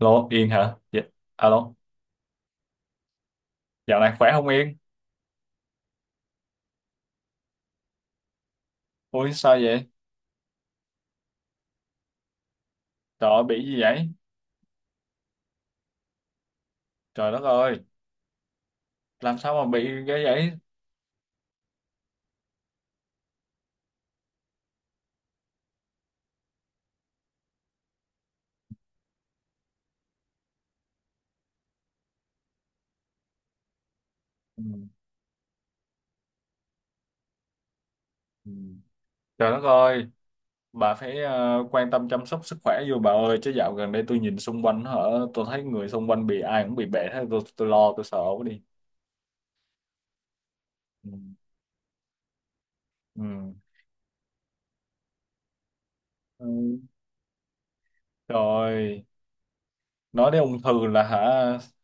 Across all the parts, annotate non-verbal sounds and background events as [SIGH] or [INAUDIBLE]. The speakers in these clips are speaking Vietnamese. Lô, Yên hả? Dạ. Alo, dạo này khỏe không Yên? Ui, sao vậy? Trời ơi, bị gì vậy? Trời đất ơi, làm sao mà bị cái vậy? Ừ. Ừ. Trời đất ơi, bà phải quan tâm chăm sóc sức khỏe vô bà ơi, chứ dạo gần đây tôi nhìn xung quanh hả, tôi thấy người xung quanh bị ai cũng bị bệnh hết, tôi lo, tôi sợ quá đi. Ừ. Ừ. Ừ. Trời ơi. Nói đến ung thư là hả,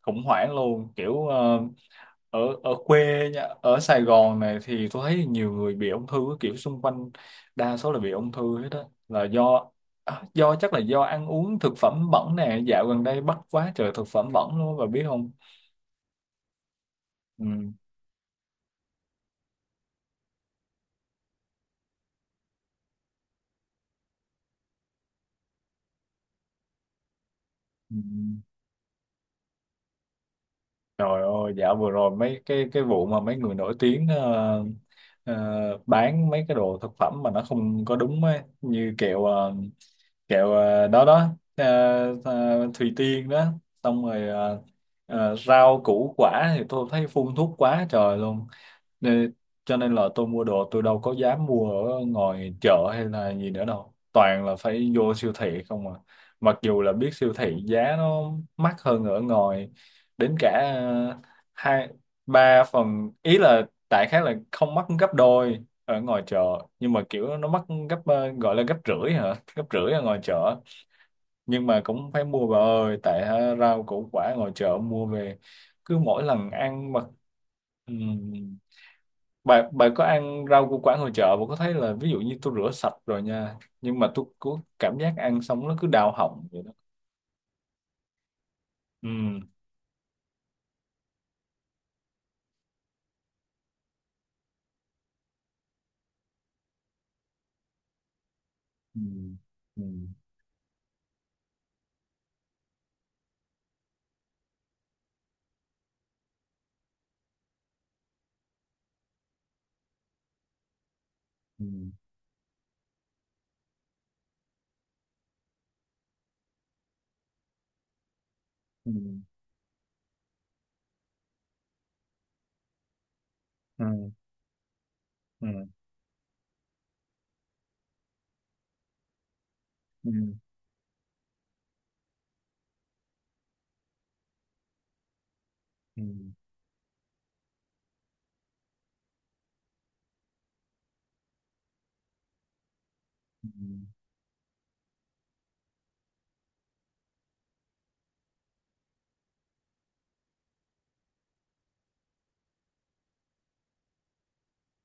khủng hoảng luôn kiểu ở ở quê nha, ở Sài Gòn này thì tôi thấy nhiều người bị ung thư kiểu xung quanh, đa số là bị ung thư hết, đó là do chắc là do ăn uống thực phẩm bẩn nè, dạo gần đây bắt quá trời thực phẩm bẩn luôn, và biết không. Ừ. Ừ. Ừ. Trời ơi, dạo vừa rồi mấy cái vụ mà mấy người nổi tiếng bán mấy cái đồ thực phẩm mà nó không có đúng ấy, như kẹo kẹo đó đó ờ, Thùy Tiên đó, xong rồi rau củ quả thì tôi thấy phun thuốc quá trời luôn. Nên, cho nên là tôi mua đồ tôi đâu có dám mua ở ngoài chợ hay là gì nữa đâu. Toàn là phải vô siêu thị không à. Mặc dù là biết siêu thị giá nó mắc hơn ở ngoài đến cả hai ba phần, ý là tại khái là không mắc gấp đôi ở ngoài chợ, nhưng mà kiểu nó mắc gấp gọi là gấp rưỡi hả, gấp rưỡi ở ngoài chợ, nhưng mà cũng phải mua bà ơi, tại rau củ quả ngoài chợ mua về cứ mỗi lần ăn mà. Ừ, bà có ăn rau củ quả ngoài chợ bà có thấy là ví dụ như tôi rửa sạch rồi nha, nhưng mà tôi có cảm giác ăn xong nó cứ đau họng vậy đó. Ừ. Ừ. Ừ. Ừ. Ừ. Ừ. Ừ. Ừ. Ừ.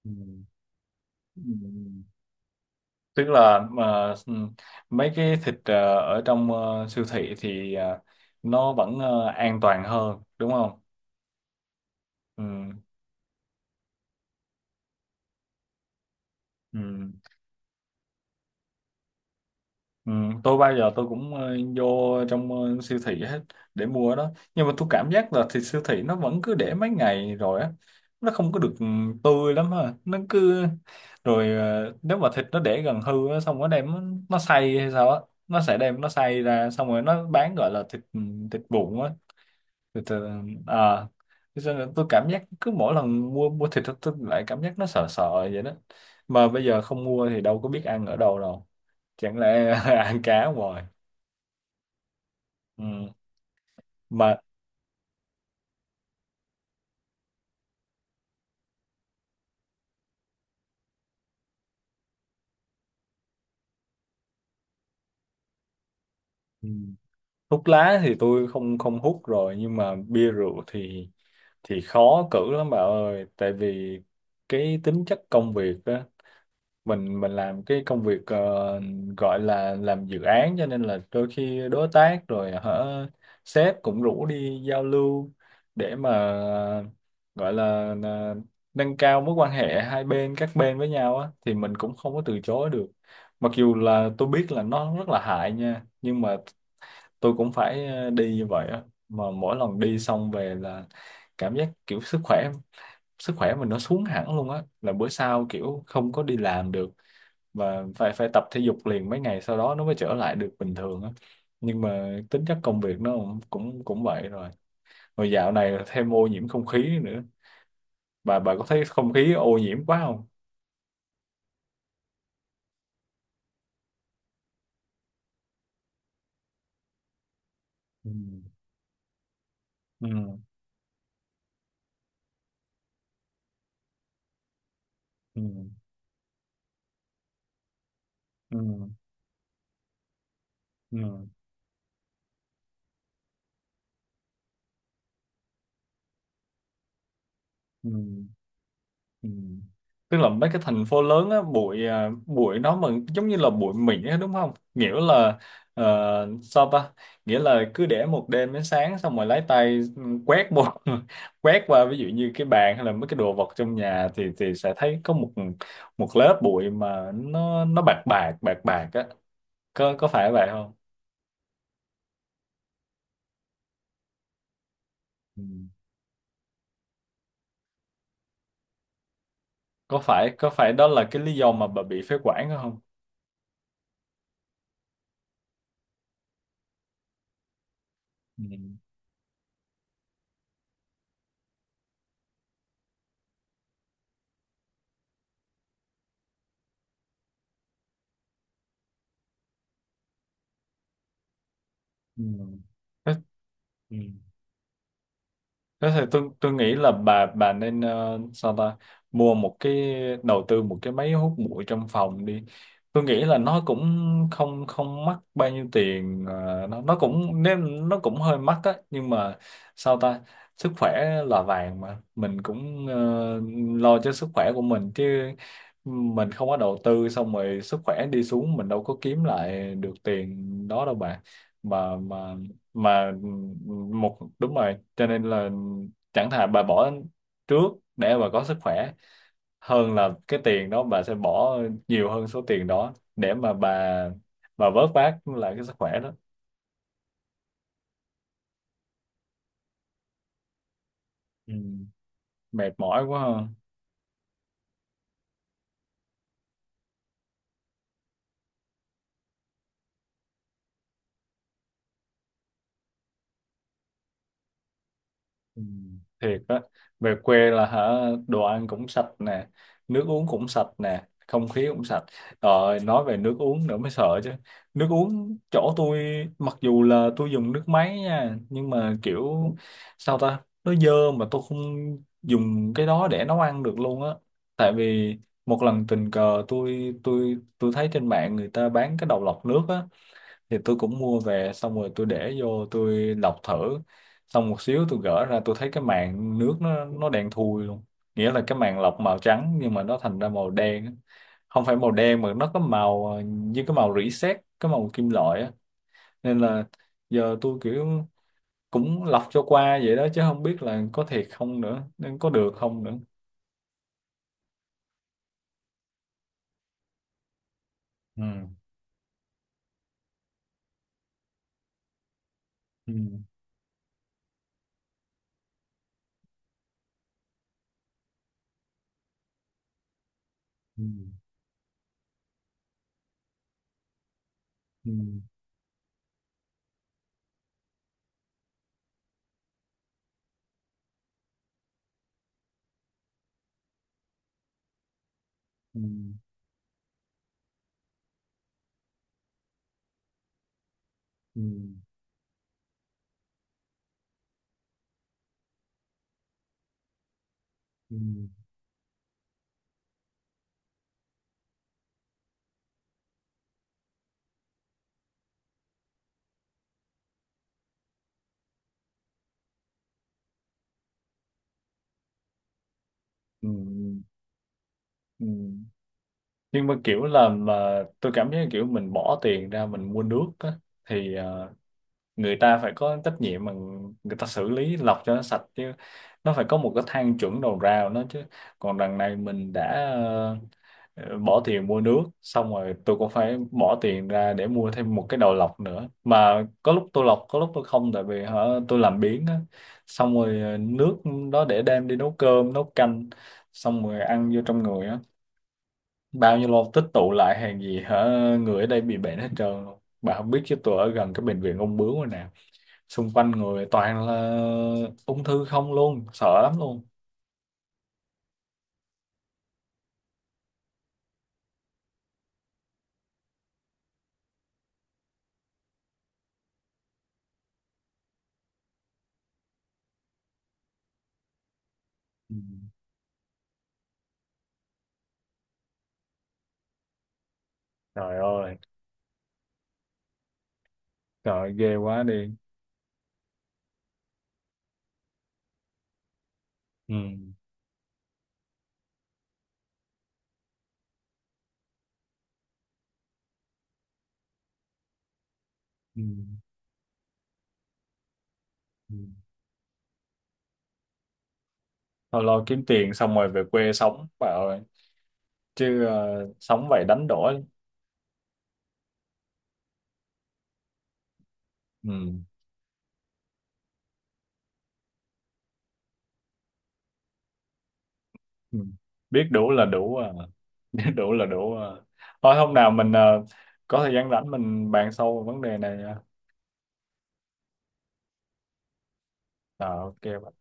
Ừ. Ừ. Ừ. Tức là mà mấy cái thịt ở trong siêu thị thì nó vẫn an toàn hơn đúng không. Ừ. Ừ. Ừ, tôi bao giờ tôi cũng vô trong siêu thị hết để mua đó, nhưng mà tôi cảm giác là thịt siêu thị nó vẫn cứ để mấy ngày rồi á, nó không có được tươi lắm ha, nó cứ rồi nếu mà thịt nó để gần hư á xong nó đem nó xay hay sao á, nó sẽ đem nó xay ra xong rồi nó bán gọi là thịt, thịt vụn á, thịt ờ, à thế cho nên tôi cảm giác cứ mỗi lần mua mua thịt tôi lại cảm giác nó sợ sợ vậy đó, mà bây giờ không mua thì đâu có biết ăn ở đâu đâu, chẳng lẽ [LAUGHS] ăn cá hoài. Ừ. Mà ừ. Hút lá thì tôi không không hút rồi, nhưng mà bia rượu thì khó cử lắm bà ơi, tại vì cái tính chất công việc á, mình làm cái công việc gọi là làm dự án, cho nên là đôi khi đối tác rồi hả, sếp cũng rủ đi giao lưu để mà gọi là nâng cao mối quan hệ hai bên, các bên với nhau á, thì mình cũng không có từ chối được. Mặc dù là tôi biết là nó rất là hại nha, nhưng mà tôi cũng phải đi như vậy á, mà mỗi lần đi xong về là cảm giác kiểu sức khỏe, mình nó xuống hẳn luôn á, là bữa sau kiểu không có đi làm được, và phải phải tập thể dục liền mấy ngày sau đó nó mới trở lại được bình thường á, nhưng mà tính chất công việc nó cũng cũng cũng vậy rồi. Rồi dạo này thêm ô nhiễm không khí nữa, bà có thấy không khí ô nhiễm quá không. Ừ. Ừ. Ừ. Ừ. Ừ. Ừ. Ừ. Tức là mấy cái thành phố lớn á, bụi, à, bụi nó mà giống như là bụi mịn á đúng không? Nghĩa là sao ta? Nghĩa là cứ để một đêm đến sáng xong rồi lấy tay quét một [LAUGHS] quét qua ví dụ như cái bàn hay là mấy cái đồ vật trong nhà thì sẽ thấy có một một lớp bụi mà nó bạc bạc bạc bạc á. Có phải vậy không? Ừ. Có phải đó là cái lý do mà bà bị phế quản không? Ừ. Ừ. Ừ. Thế thì tôi nghĩ là bà nên sao ta, mua một cái đầu tư một cái máy hút bụi trong phòng đi. Tôi nghĩ là nó cũng không không mắc bao nhiêu tiền, nó cũng nếu nó cũng hơi mắc á nhưng mà sao ta, sức khỏe là vàng mà, mình cũng lo cho sức khỏe của mình chứ. Mình không có đầu tư xong rồi sức khỏe đi xuống, mình đâu có kiếm lại được tiền đó đâu bà, mà mà mà một đúng rồi, cho nên là chẳng thà bà bỏ trước để bà có sức khỏe, hơn là cái tiền đó bà sẽ bỏ nhiều hơn số tiền đó để mà bà vớt vát lại cái sức khỏe đó. Ừ, mệt mỏi quá ha. Ừ, thiệt á, về quê là hả, đồ ăn cũng sạch nè, nước uống cũng sạch nè, không khí cũng sạch. Rồi nói về nước uống nữa mới sợ chứ, nước uống chỗ tôi mặc dù là tôi dùng nước máy nha, nhưng mà kiểu sao ta, nó dơ mà tôi không dùng cái đó để nấu ăn được luôn á. Tại vì một lần tình cờ tôi tôi thấy trên mạng người ta bán cái đầu lọc nước á, thì tôi cũng mua về xong rồi tôi để vô tôi lọc thử, xong một xíu tôi gỡ ra tôi thấy cái màng nước nó đen thui luôn, nghĩa là cái màng lọc màu trắng nhưng mà nó thành ra màu đen á. Không phải màu đen mà nó có màu như cái màu rỉ sét, cái màu kim loại á, nên là giờ tôi kiểu cũng lọc cho qua vậy đó, chứ không biết là có thiệt không nữa, nên có được không nữa. Ừ. Ừ. Ừ. Ừ. Ừ. Ừ. Ừ. Ừ. ừ nhưng mà kiểu là mà tôi cảm thấy kiểu mình bỏ tiền ra mình mua nước á, thì người ta phải có trách nhiệm mà, người ta xử lý lọc cho nó sạch chứ, nó phải có một cái thang chuẩn đầu ra của nó chứ. Còn đằng này mình đã ờ, bỏ tiền mua nước xong rồi tôi cũng phải bỏ tiền ra để mua thêm một cái đầu lọc nữa, mà có lúc tôi lọc có lúc tôi không, tại vì hả, tôi làm biếng á, xong rồi nước đó để đem đi nấu cơm nấu canh, xong rồi ăn vô trong người á, bao nhiêu lâu tích tụ lại hàng gì hả, người ở đây bị bệnh hết trơn luôn. Bà không biết chứ tôi ở gần cái bệnh viện ung bướu rồi nè, xung quanh người toàn là ung thư không luôn, sợ lắm luôn. Ừ. Trời ơi. Trời ơi, ghê quá đi. Ừ. Ừ. Ừ. Thôi lo kiếm tiền xong rồi về quê sống bà ơi, chứ sống vậy đánh đổi lắm. Ừ. Ừ. Biết đủ là đủ à. [LAUGHS] Biết đủ là đủ à, thôi hôm nào mình có thời gian rảnh mình bàn sâu về vấn đề này nha. Ờ, ok